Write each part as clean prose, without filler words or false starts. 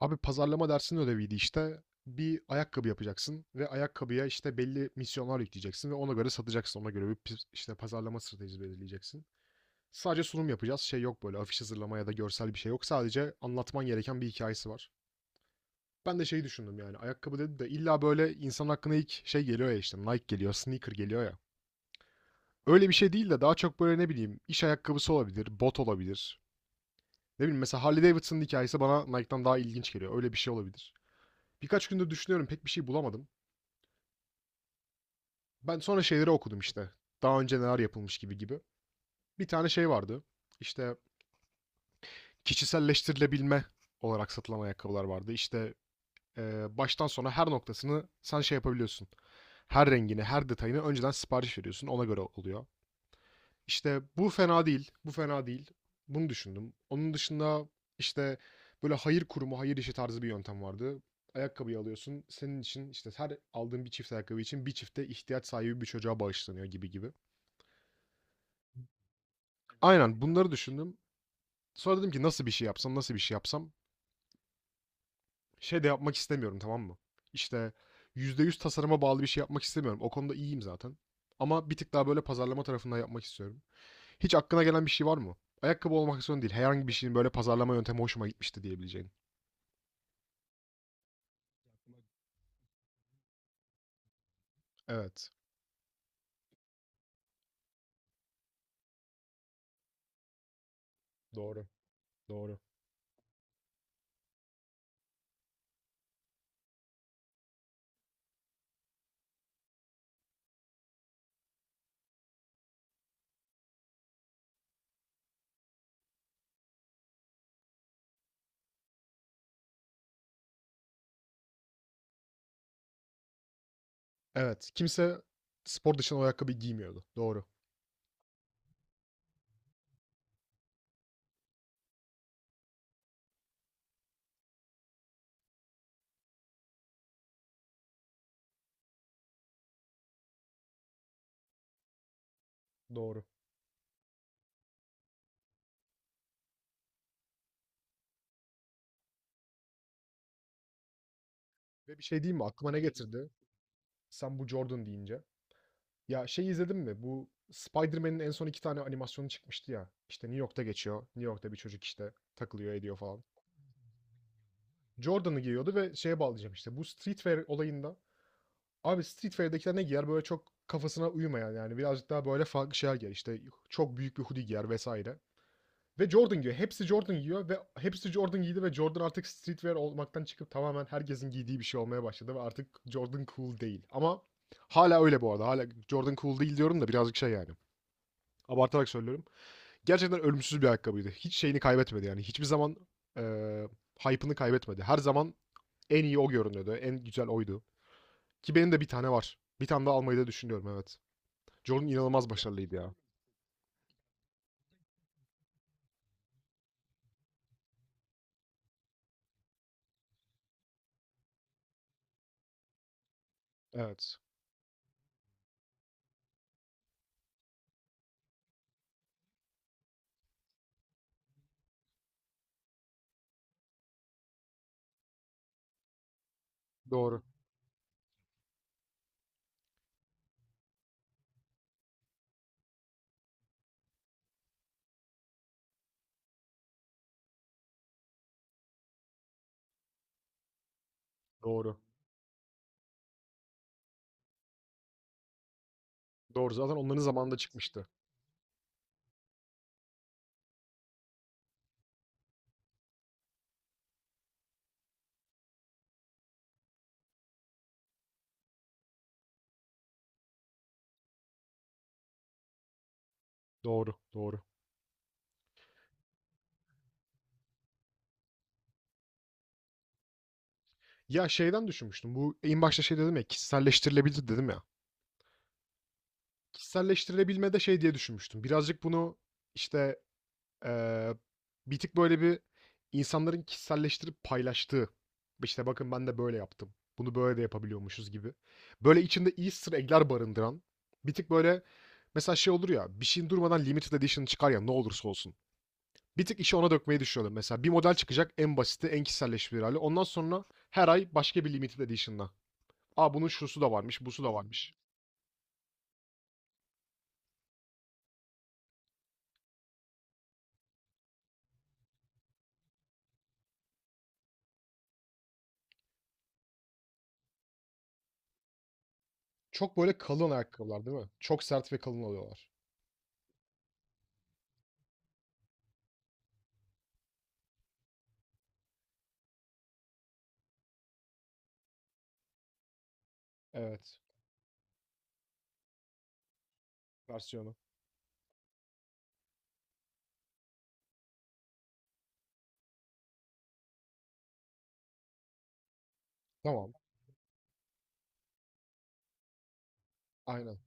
Abi pazarlama dersinin ödeviydi işte. Bir ayakkabı yapacaksın ve ayakkabıya işte belli misyonlar yükleyeceksin ve ona göre satacaksın. Ona göre bir işte pazarlama stratejisi belirleyeceksin. Sadece sunum yapacağız. Şey yok böyle afiş hazırlama ya da görsel bir şey yok. Sadece anlatman gereken bir hikayesi var. Ben de şeyi düşündüm yani ayakkabı dedi de illa böyle insan hakkında ilk şey geliyor ya işte Nike geliyor, sneaker geliyor ya. Öyle bir şey değil de daha çok böyle ne bileyim iş ayakkabısı olabilir, bot olabilir. Ne bileyim mesela Harley Davidson'ın hikayesi bana Nike'dan daha ilginç geliyor. Öyle bir şey olabilir. Birkaç gündür düşünüyorum pek bir şey bulamadım. Ben sonra şeyleri okudum işte. Daha önce neler yapılmış gibi gibi. Bir tane şey vardı. İşte kişiselleştirilebilme olarak satılan ayakkabılar vardı. İşte baştan sona her noktasını sen şey yapabiliyorsun. Her rengini, her detayını önceden sipariş veriyorsun. Ona göre oluyor. İşte bu fena değil, bu fena değil. Bunu düşündüm. Onun dışında işte böyle hayır kurumu, hayır işi tarzı bir yöntem vardı. Ayakkabıyı alıyorsun. Senin için işte her aldığın bir çift ayakkabı için bir çifte ihtiyaç sahibi bir çocuğa bağışlanıyor gibi gibi. Aynen bunları düşündüm. Sonra dedim ki nasıl bir şey yapsam, nasıl bir şey yapsam. Şey de yapmak istemiyorum tamam mı? İşte %100 tasarıma bağlı bir şey yapmak istemiyorum. O konuda iyiyim zaten. Ama bir tık daha böyle pazarlama tarafından yapmak istiyorum. Hiç aklına gelen bir şey var mı? Ayakkabı olmak zorunda değil. Herhangi bir şeyin böyle pazarlama yöntemi hoşuma gitmişti diyebileceğin. Evet. Doğru. Doğru. Evet. Kimse spor dışında o ayakkabıyı giymiyordu. Doğru. Doğru. Ve bir şey diyeyim mi? Aklıma ne getirdi? Sen bu Jordan deyince. Ya şey izledin mi? Bu Spider-Man'in en son iki tane animasyonu çıkmıştı ya. İşte New York'ta geçiyor. New York'ta bir çocuk işte takılıyor ediyor falan. Jordan'ı giyiyordu ve şeye bağlayacağım işte. Bu streetwear olayında Abi Street Fighter'dakiler ne giyer? Böyle çok kafasına uymayan yani birazcık daha böyle farklı şeyler giyer. İşte çok büyük bir hoodie giyer vesaire. Ve Jordan giyiyor. Hepsi Jordan giyiyor ve hepsi Jordan giydi ve Jordan artık streetwear olmaktan çıkıp tamamen herkesin giydiği bir şey olmaya başladı ve artık Jordan cool değil. Ama hala öyle bu arada. Hala Jordan cool değil diyorum da birazcık şey yani. Abartarak söylüyorum. Gerçekten ölümsüz bir ayakkabıydı. Hiç şeyini kaybetmedi yani. Hiçbir zaman eee hype'ını kaybetmedi. Her zaman en iyi o görünüyordu. En güzel oydu. Ki benim de bir tane var. Bir tane daha almayı da düşünüyorum evet. Jordan inanılmaz başarılıydı ya. Evet. Doğru. Doğru. Doğru. Zaten onların zamanında çıkmıştı. Doğru. Doğru. Ya şeyden düşünmüştüm. Bu en başta şey dedim ya kişiselleştirilebilir dedim ya. Kişiselleştirilebilme de şey diye düşünmüştüm. Birazcık bunu işte Eee, bir tık böyle bir insanların kişiselleştirip paylaştığı, işte bakın ben de böyle yaptım, bunu böyle de yapabiliyormuşuz gibi. Böyle içinde Easter egg'ler barındıran, bir tık böyle mesela şey olur ya, bir şeyin durmadan limited edition çıkar ya ne olursa olsun. Bir tık işi ona dökmeyi düşünüyorum. Mesela bir model çıkacak en basiti, en kişiselleştirilir hali. Ondan sonra her ay başka bir limited edition'la. Aa bunun şusu da varmış, busu da varmış. Çok böyle kalın ayakkabılar değil mi? Çok sert ve kalın oluyorlar. Evet. Versiyonu. Tamam. Aynen.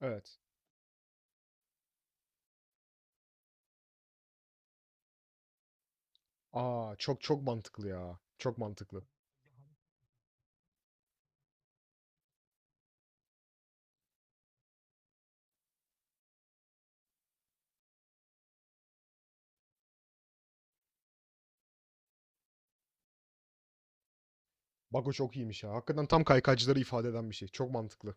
Evet. A! Çok çok mantıklı ya. Çok mantıklı. Bak o çok iyiymiş ya. Hakikaten tam kaykaycıları ifade eden bir şey. Çok mantıklı.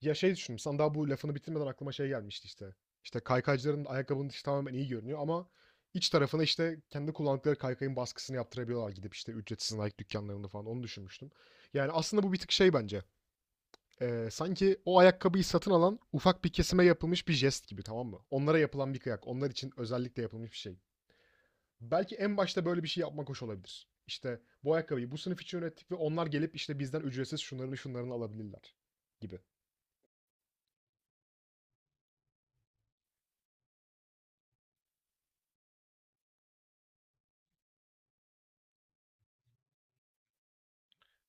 Ya şey düşündüm. Sen daha bu lafını bitirmeden aklıma şey gelmişti işte. İşte kaykaycıların ayakkabının dışı tamamen iyi görünüyor ama iç tarafına işte kendi kullandıkları kaykayın baskısını yaptırabiliyorlar gidip işte ücretsiz Nike dükkanlarında falan onu düşünmüştüm. Yani aslında bu bir tık şey bence. Sanki o ayakkabıyı satın alan ufak bir kesime yapılmış bir jest gibi tamam mı? Onlara yapılan bir kıyak. Onlar için özellikle yapılmış bir şey. Belki en başta böyle bir şey yapmak hoş olabilir. İşte bu ayakkabıyı bu sınıf için ürettik ve onlar gelip işte bizden ücretsiz şunlarını şunlarını alabilirler gibi.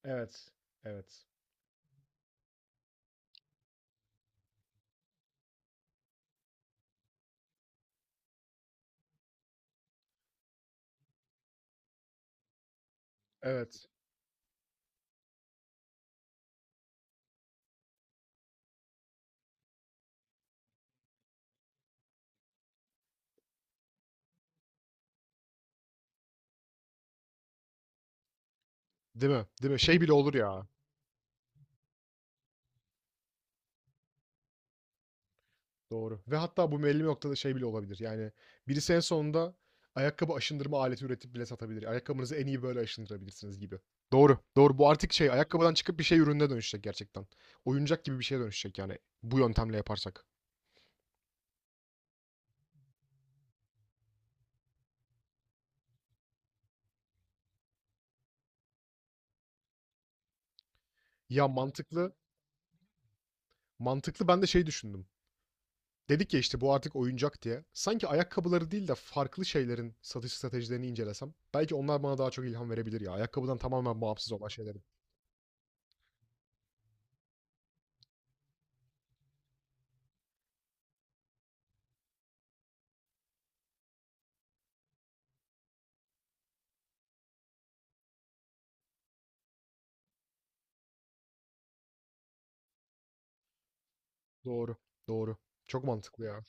Evet. Evet. Evet. Değil mi? Değil mi? Şey bile olur ya. Doğru. Ve hatta bu belli bir noktada şey bile olabilir. Yani birisi en sonunda ayakkabı aşındırma aleti üretip bile satabilir. Ayakkabınızı en iyi böyle aşındırabilirsiniz gibi. Doğru. Doğru. Bu artık şey ayakkabıdan çıkıp bir şey ürününe dönüşecek gerçekten. Oyuncak gibi bir şeye dönüşecek yani bu yöntemle yaparsak. Ya mantıklı. Mantıklı ben de şey düşündüm. Dedik ya işte bu artık oyuncak diye. Sanki ayakkabıları değil de farklı şeylerin satış stratejilerini incelesem. Belki onlar bana daha çok ilham verebilir ya. Ayakkabıdan tamamen bağımsız olan şeyleri. Doğru. Doğru. Çok mantıklı ya.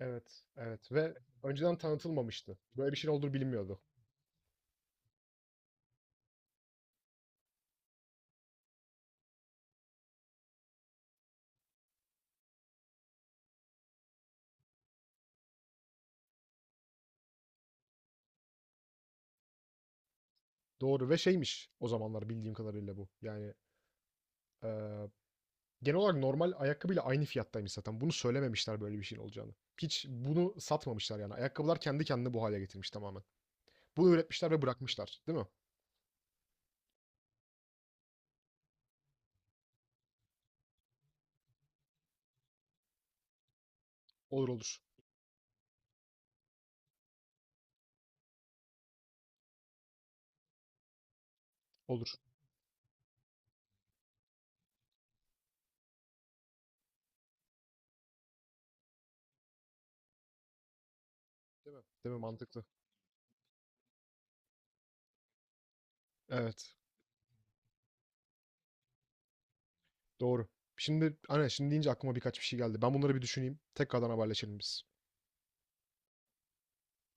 Evet. Evet. Ve önceden tanıtılmamıştı. Böyle bir şeyin olduğu bilinmiyordu. Doğru ve şeymiş o zamanlar bildiğim kadarıyla bu. Yani eee, genel olarak normal ayakkabıyla aynı fiyattaymış zaten. Bunu söylememişler böyle bir şeyin olacağını. Hiç bunu satmamışlar yani. Ayakkabılar kendi kendini bu hale getirmiş tamamen. Bunu üretmişler ve bırakmışlar, değil mi? Olur olur. Olur. Değil mi? Mantıklı. Evet. Doğru. Şimdi aynen şimdi deyince aklıma birkaç bir şey geldi. Ben bunları bir düşüneyim. Tekrardan haberleşelim biz.